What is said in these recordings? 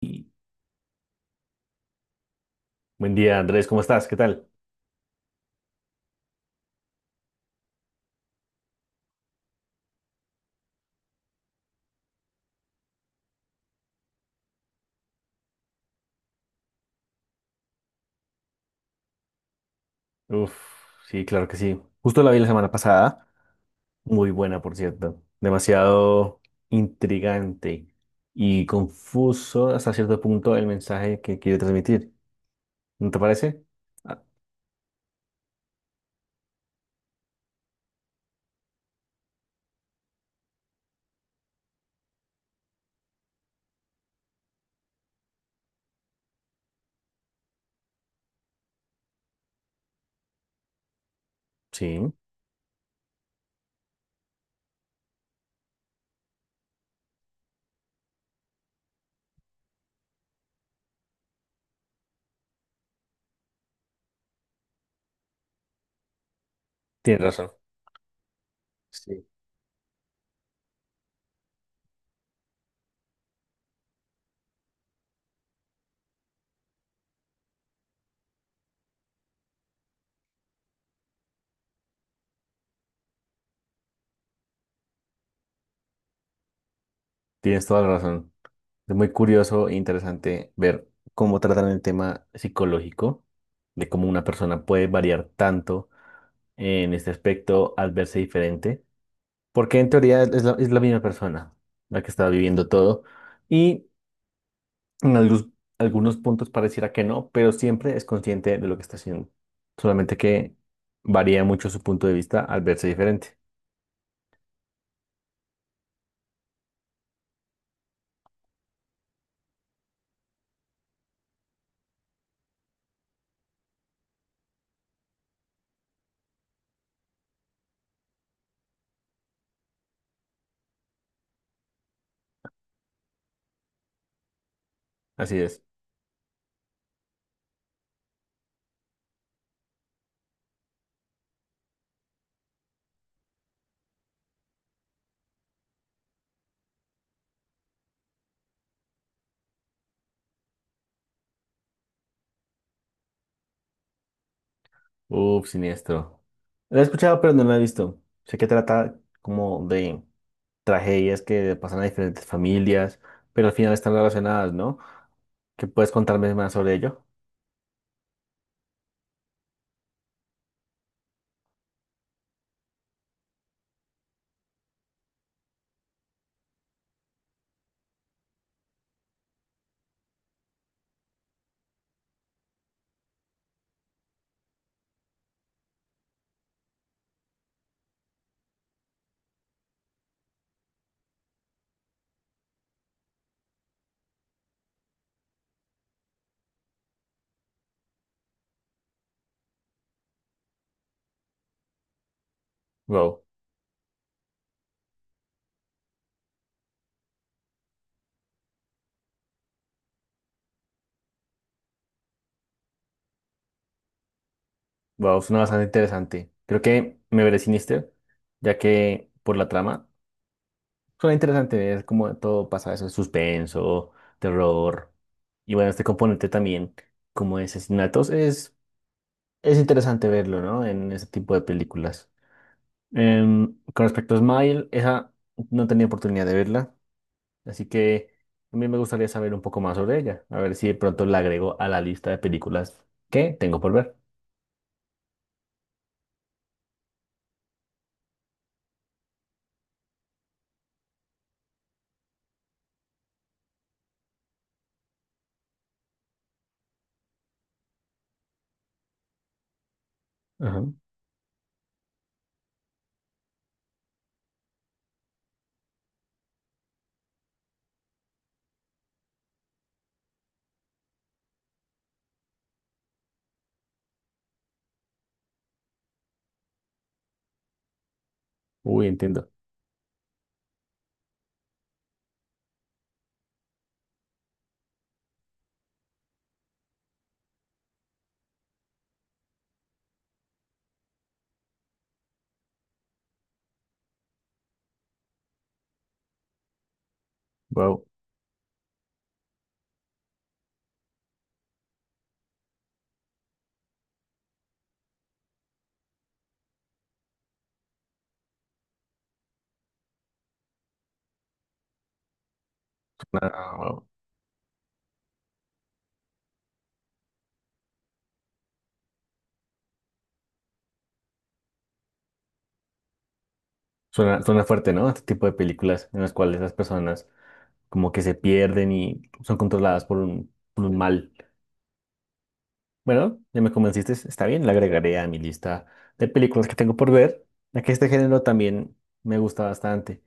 Y buen día, Andrés, ¿cómo estás? ¿Qué tal? Uf, sí, claro que sí. Justo la vi la semana pasada, muy buena, por cierto. Demasiado intrigante y confuso hasta cierto punto el mensaje que quiere transmitir. ¿No te parece? Ah, sí, tienes razón. Sí, tienes toda la razón. Es muy curioso e interesante ver cómo tratan el tema psicológico, de cómo una persona puede variar tanto en este aspecto al verse diferente. Porque en teoría es la misma persona la que estaba viviendo todo. Y en algunos puntos pareciera que no, pero siempre es consciente de lo que está haciendo. Solamente que varía mucho su punto de vista al verse diferente. Así es. Uf, siniestro. Lo he escuchado, pero no lo he visto. Sé que trata como de tragedias que pasan a diferentes familias, pero al final están relacionadas, ¿no? ¿Qué puedes contarme más sobre ello? Wow. Wow, suena bastante interesante. Creo que me veré Sinister, ya que por la trama suena interesante. Es como todo pasa eso, suspenso, terror. Y bueno, este componente también, como de asesinatos, es interesante verlo, ¿no? En ese tipo de películas. Con respecto a Smile, esa no tenía oportunidad de verla, así que a mí me gustaría saber un poco más sobre ella. A ver si de pronto la agrego a la lista de películas que tengo por ver. Ajá. Uy, entiendo. Wow. Suena fuerte, ¿no? Este tipo de películas en las cuales las personas como que se pierden y son controladas por por un mal. Bueno, ya me convenciste, está bien, la agregaré a mi lista de películas que tengo por ver, ya que este género también me gusta bastante.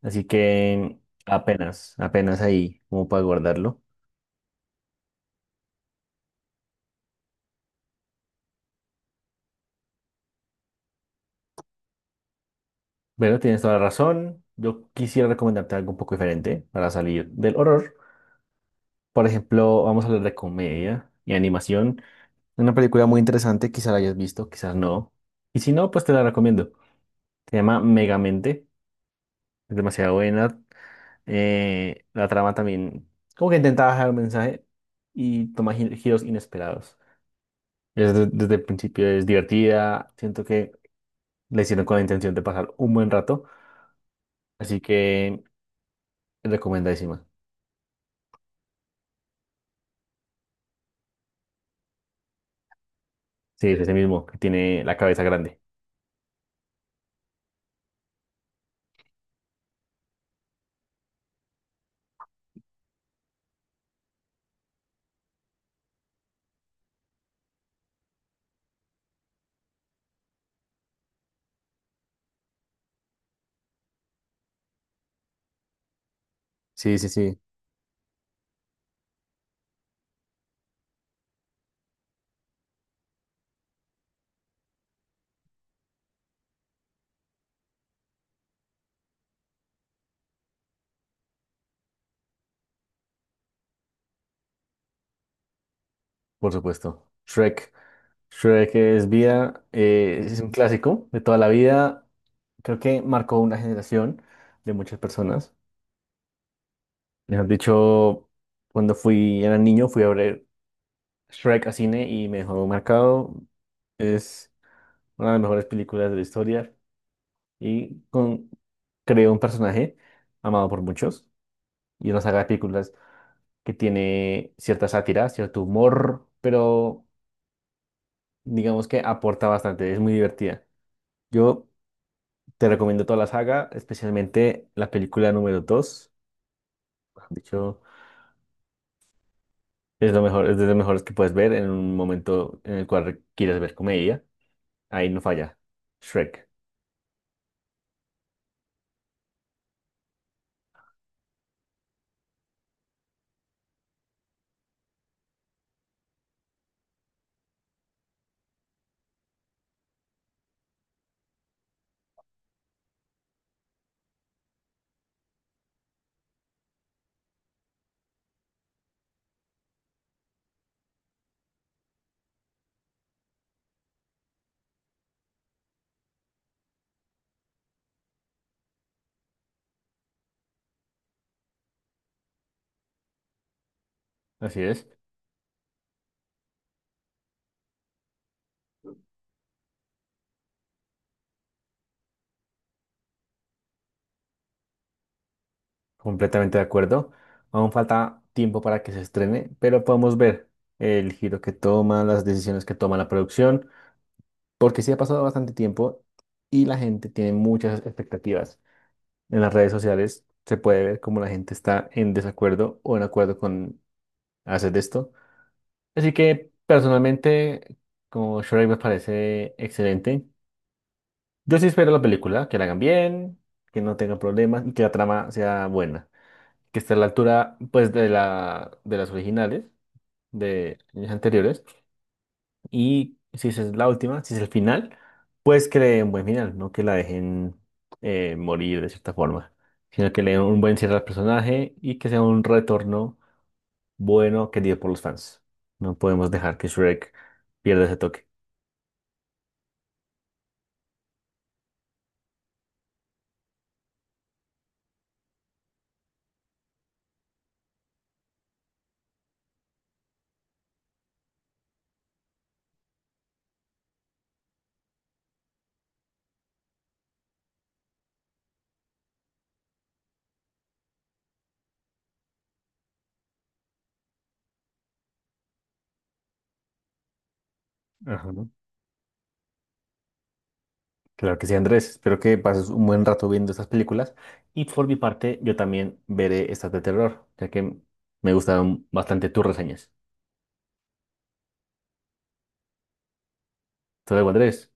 Así que apenas, apenas ahí como para guardarlo. Bueno, tienes toda la razón. Yo quisiera recomendarte algo un poco diferente para salir del horror. Por ejemplo, vamos a hablar de comedia y animación. Una película muy interesante, quizás la hayas visto, quizás no. Y si no, pues te la recomiendo. Se llama Megamente, es demasiado buena. La trama también, como que intentaba dejar un mensaje y toma giros inesperados. Es desde el principio es divertida, siento que la hicieron con la intención de pasar un buen rato, así que recomendadísima. Sí, es ese mismo, que tiene la cabeza grande. Sí, sí, sí, por supuesto. Shrek. Shrek es vida, es un clásico de toda la vida. Creo que marcó una generación de muchas personas. Mejor dicho, cuando fui, era niño, fui a ver Shrek a cine y me dejó marcado. Es una de las mejores películas de la historia y creó un personaje amado por muchos y una saga de películas que tiene cierta sátira, cierto humor, pero digamos que aporta bastante, es muy divertida. Yo te recomiendo toda la saga, especialmente la película número 2. Es lo mejor, es de los mejores que puedes ver en un momento en el cual quieres ver comedia. Ahí no falla. Shrek. Así es. Completamente de acuerdo. Aún falta tiempo para que se estrene, pero podemos ver el giro que toma, las decisiones que toma la producción, porque sí ha pasado bastante tiempo y la gente tiene muchas expectativas. En las redes sociales se puede ver cómo la gente está en desacuerdo o en acuerdo con hacer esto. Así que personalmente, como Shrek me parece excelente. Yo sí espero la película, que la hagan bien, que no tenga problemas y que la trama sea buena. Que esté a la altura, pues, de de las originales, de años anteriores. Y si esa es la última, si es el final, pues que le den un buen final, no que la dejen morir de cierta forma, sino que le den un buen cierre al personaje y que sea un retorno bueno querido por los fans. No podemos dejar que Shrek pierda ese toque. Ajá. Claro que sí, Andrés. Espero que pases un buen rato viendo estas películas. Y por mi parte, yo también veré estas de terror, ya que me gustaron bastante tus reseñas. Hasta luego, Andrés.